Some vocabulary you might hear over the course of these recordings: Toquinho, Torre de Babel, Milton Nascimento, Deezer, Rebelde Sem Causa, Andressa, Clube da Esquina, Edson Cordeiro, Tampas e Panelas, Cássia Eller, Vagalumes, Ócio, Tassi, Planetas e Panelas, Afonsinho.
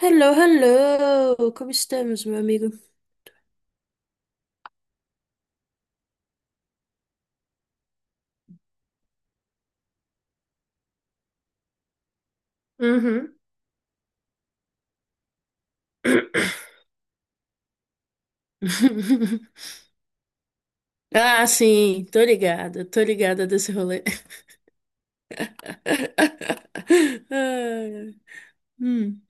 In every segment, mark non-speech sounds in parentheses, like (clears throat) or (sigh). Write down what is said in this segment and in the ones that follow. Hello, hello! Como estamos, meu amigo? Uhum. (laughs) (coughs) Ah, sim, tô ligada desse rolê. (laughs) Ai, hum.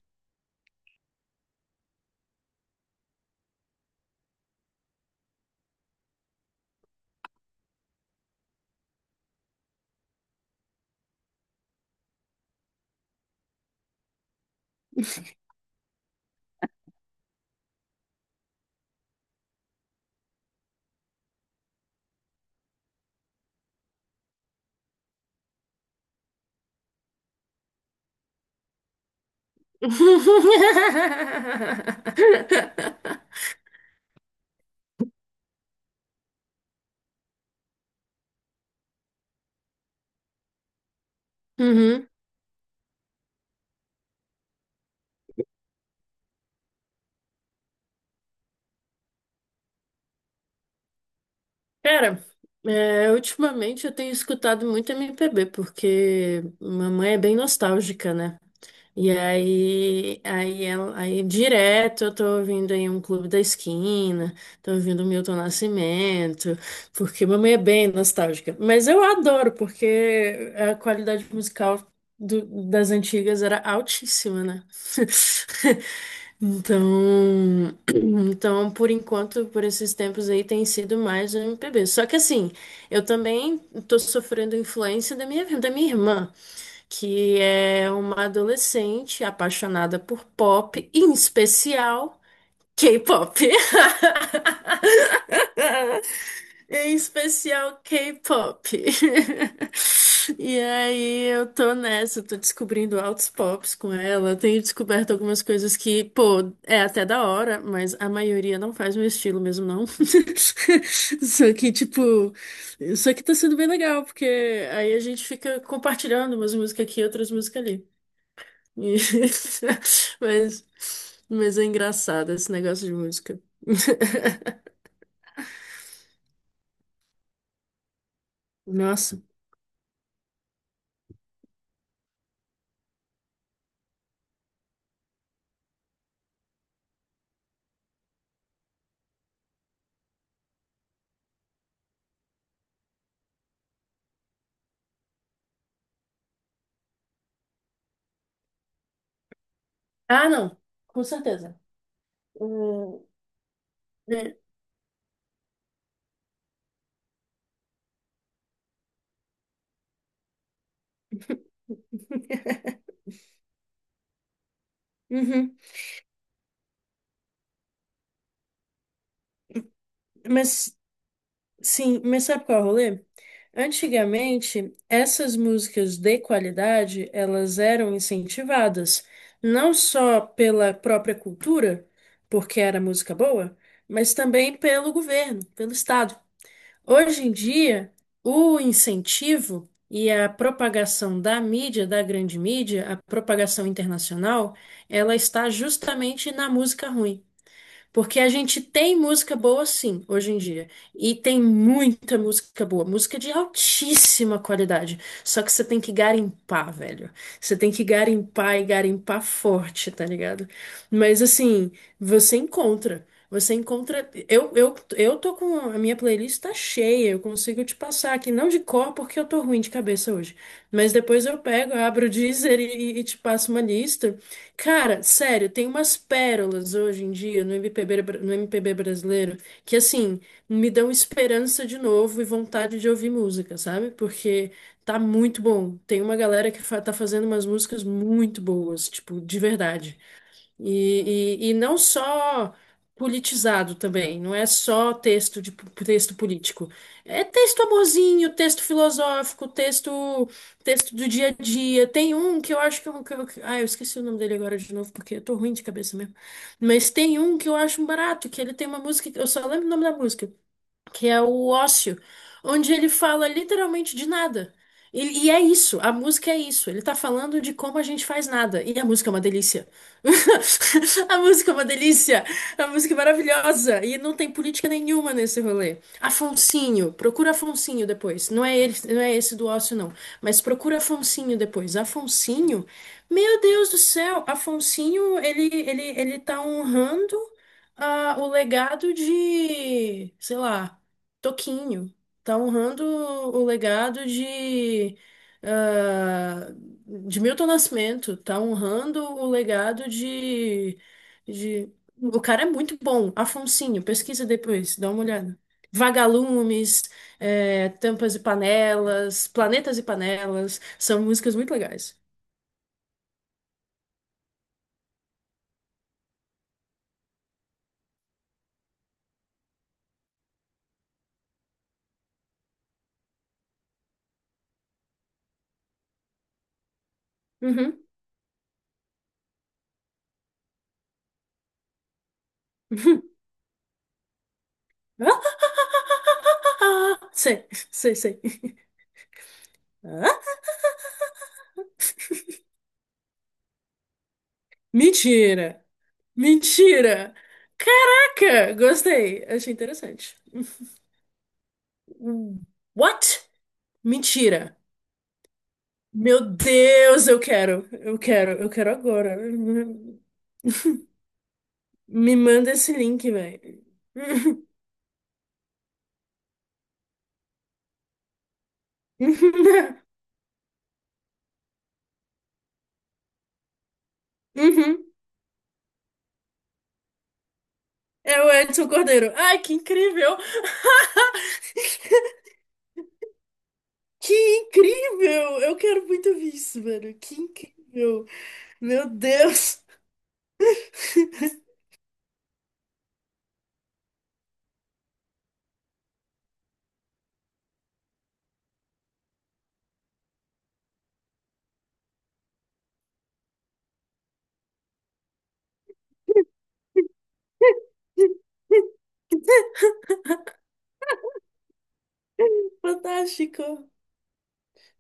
Uhum. Cara, é, ultimamente eu tenho escutado muito MPB, porque mamãe é bem nostálgica, né? E aí direto eu tô ouvindo aí um Clube da Esquina, tô ouvindo Milton Nascimento, porque mamãe é bem nostálgica. Mas eu adoro, porque a qualidade musical do- das antigas era altíssima, né? (laughs) Então, então, por enquanto, por esses tempos aí, tem sido mais o MPB. Só que assim, eu também tô sofrendo influência da minha irmã que é uma adolescente apaixonada por pop, em especial K-pop. (laughs) Em especial K-pop. (laughs) E aí eu tô nessa, eu tô descobrindo altos pops com ela. Tenho descoberto algumas coisas que, pô, é até da hora, mas a maioria não faz meu estilo mesmo, não. (laughs) Só que, tipo, isso aqui tá sendo bem legal, porque aí a gente fica compartilhando umas músicas aqui e outras músicas ali. E- (laughs) Mas, mas, é engraçado esse negócio de música. (laughs) Nossa. Ah, não. Com certeza. Hum, né? Uhum. Mas, sim, mas sabe qual é o rolê? Antigamente, essas músicas de qualidade, elas eram incentivadas, não só pela própria cultura, porque era música boa, mas também pelo governo, pelo Estado. Hoje em dia, o incentivo e a propagação da mídia, da grande mídia, a propagação internacional, ela está justamente na música ruim. Porque a gente tem música boa, sim, hoje em dia. E tem muita música boa, música de altíssima qualidade. Só que você tem que garimpar, velho. Você tem que garimpar e garimpar forte, tá ligado? Mas assim, você encontra. Você encontra. Eu tô com. A minha playlist tá cheia, eu consigo te passar aqui. Não de cor, porque eu tô ruim de cabeça hoje. Mas depois eu pego, abro o Deezer e te passo uma lista. Cara, sério, tem umas pérolas hoje em dia no MPB, no MPB brasileiro que, assim, me dão esperança de novo e vontade de ouvir música, sabe? Porque tá muito bom. Tem uma galera que tá fazendo umas músicas muito boas, tipo, de verdade. E não só politizado também, não é só texto político. É texto amorzinho, texto filosófico, texto do dia a dia. Tem um que eu acho ah, eu esqueci o nome dele agora de novo porque eu tô ruim de cabeça mesmo. Mas tem um que eu acho um barato, que ele tem uma música, eu só lembro o nome da música que é o Ócio, onde ele fala literalmente de nada. E é isso, a música é isso. Ele tá falando de como a gente faz nada. E a música é uma delícia. (laughs) A música é uma delícia. A música é maravilhosa. E não tem política nenhuma nesse rolê. Afonsinho, procura Afonsinho depois. Não é ele, não é esse do Ócio, não. Mas procura Afonsinho depois. Afonsinho, meu Deus do céu, Afonsinho, ele tá honrando ah, o legado de, sei lá. Toquinho. Tá honrando o legado ah, de Milton Nascimento. Tá honrando o legado de. O cara é muito bom. Afonsinho, pesquisa depois, dá uma olhada. Vagalumes, Tampas e Panelas, Planetas e Panelas. São músicas muito legais. Uhum. (laughs) Sei, sei, sei. Ah? Mentira! Mentira! Caraca! Gostei. Achei interessante. Hum, What? Mentira! Meu Deus, eu quero! Eu quero, eu quero agora. Me manda esse link, velho. (laughs) Uhum. É o Edson Cordeiro. Ai, que incrível! Que incrível! Eu quero muito ver isso, velho. Que incrível! Meu Deus! (laughs) Fantástico!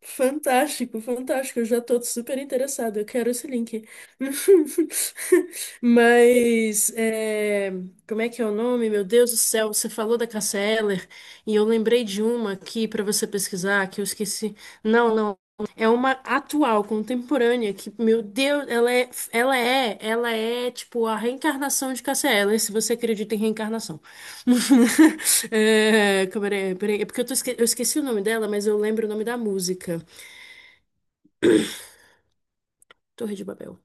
Fantástico, fantástico. Eu já tô super interessada. Eu quero esse link. (laughs) Mas, é, como é que é o nome? Meu Deus do céu, você falou da Cássia Eller e eu lembrei de uma aqui para você pesquisar que eu esqueci. Não, não. É uma atual, contemporânea, que, meu Deus, ela é tipo a reencarnação de Cássia Eller, se você acredita em reencarnação. (laughs) É, peraí, é porque eu esqueci o nome dela, mas eu lembro o nome da música. Torre de Babel.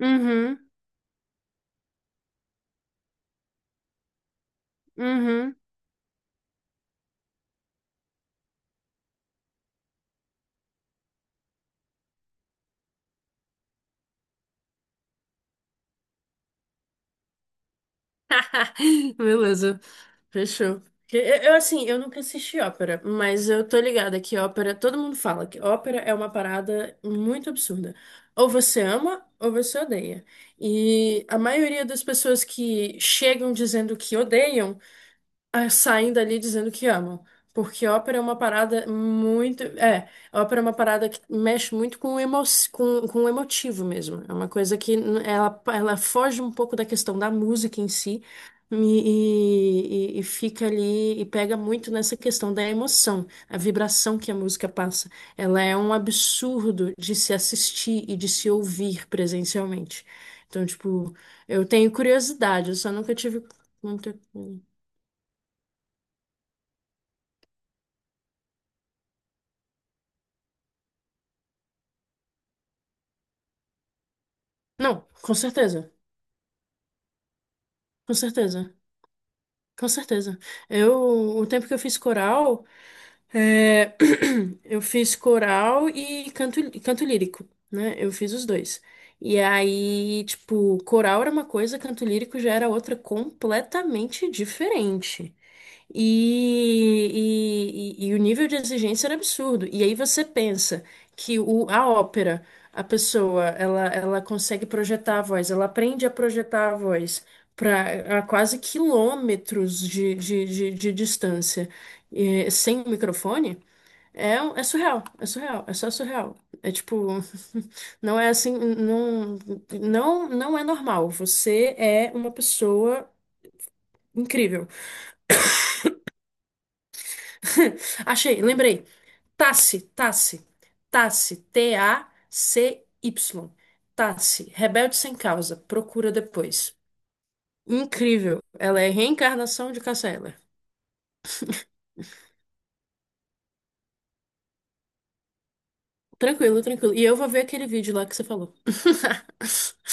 Uhum, uhum. (laughs) Beleza, fechou. Assim, eu nunca assisti ópera, mas eu tô ligada que ópera, todo mundo fala que ópera é uma parada muito absurda. Ou você ama ou você odeia. E a maioria das pessoas que chegam dizendo que odeiam ah, saem dali dizendo que amam. Porque ópera é uma parada muito. É, ópera é uma parada que mexe muito com o emotivo mesmo. É uma coisa que ela foge um pouco da questão da música em si e fica ali e pega muito nessa questão da emoção, a vibração que a música passa. Ela é um absurdo de se assistir e de se ouvir presencialmente. Então, tipo, eu tenho curiosidade, eu só nunca tive muita. Não, com certeza, com certeza, com certeza. Eu, o tempo que eu fiz coral, é, (clears throat) eu fiz coral e canto lírico, né? Eu fiz os dois. E aí, tipo, coral era uma coisa, canto lírico já era outra completamente diferente. E o nível de exigência era absurdo. E aí você pensa que a ópera, a pessoa, ela consegue projetar a voz, ela aprende a projetar a voz para a quase quilômetros de distância, sem microfone, é surreal, é surreal, é só surreal. É tipo, (laughs) não é assim, não, não, não é normal. Você é uma pessoa incrível. (laughs) Achei, lembrei. Tassi, Tassi, Tassi, Tacy, Tassi, Rebelde Sem Causa, procura depois. Incrível, ela é a reencarnação de Cassia Eller. Tranquilo, tranquilo. E eu vou ver aquele vídeo lá que você falou. (laughs)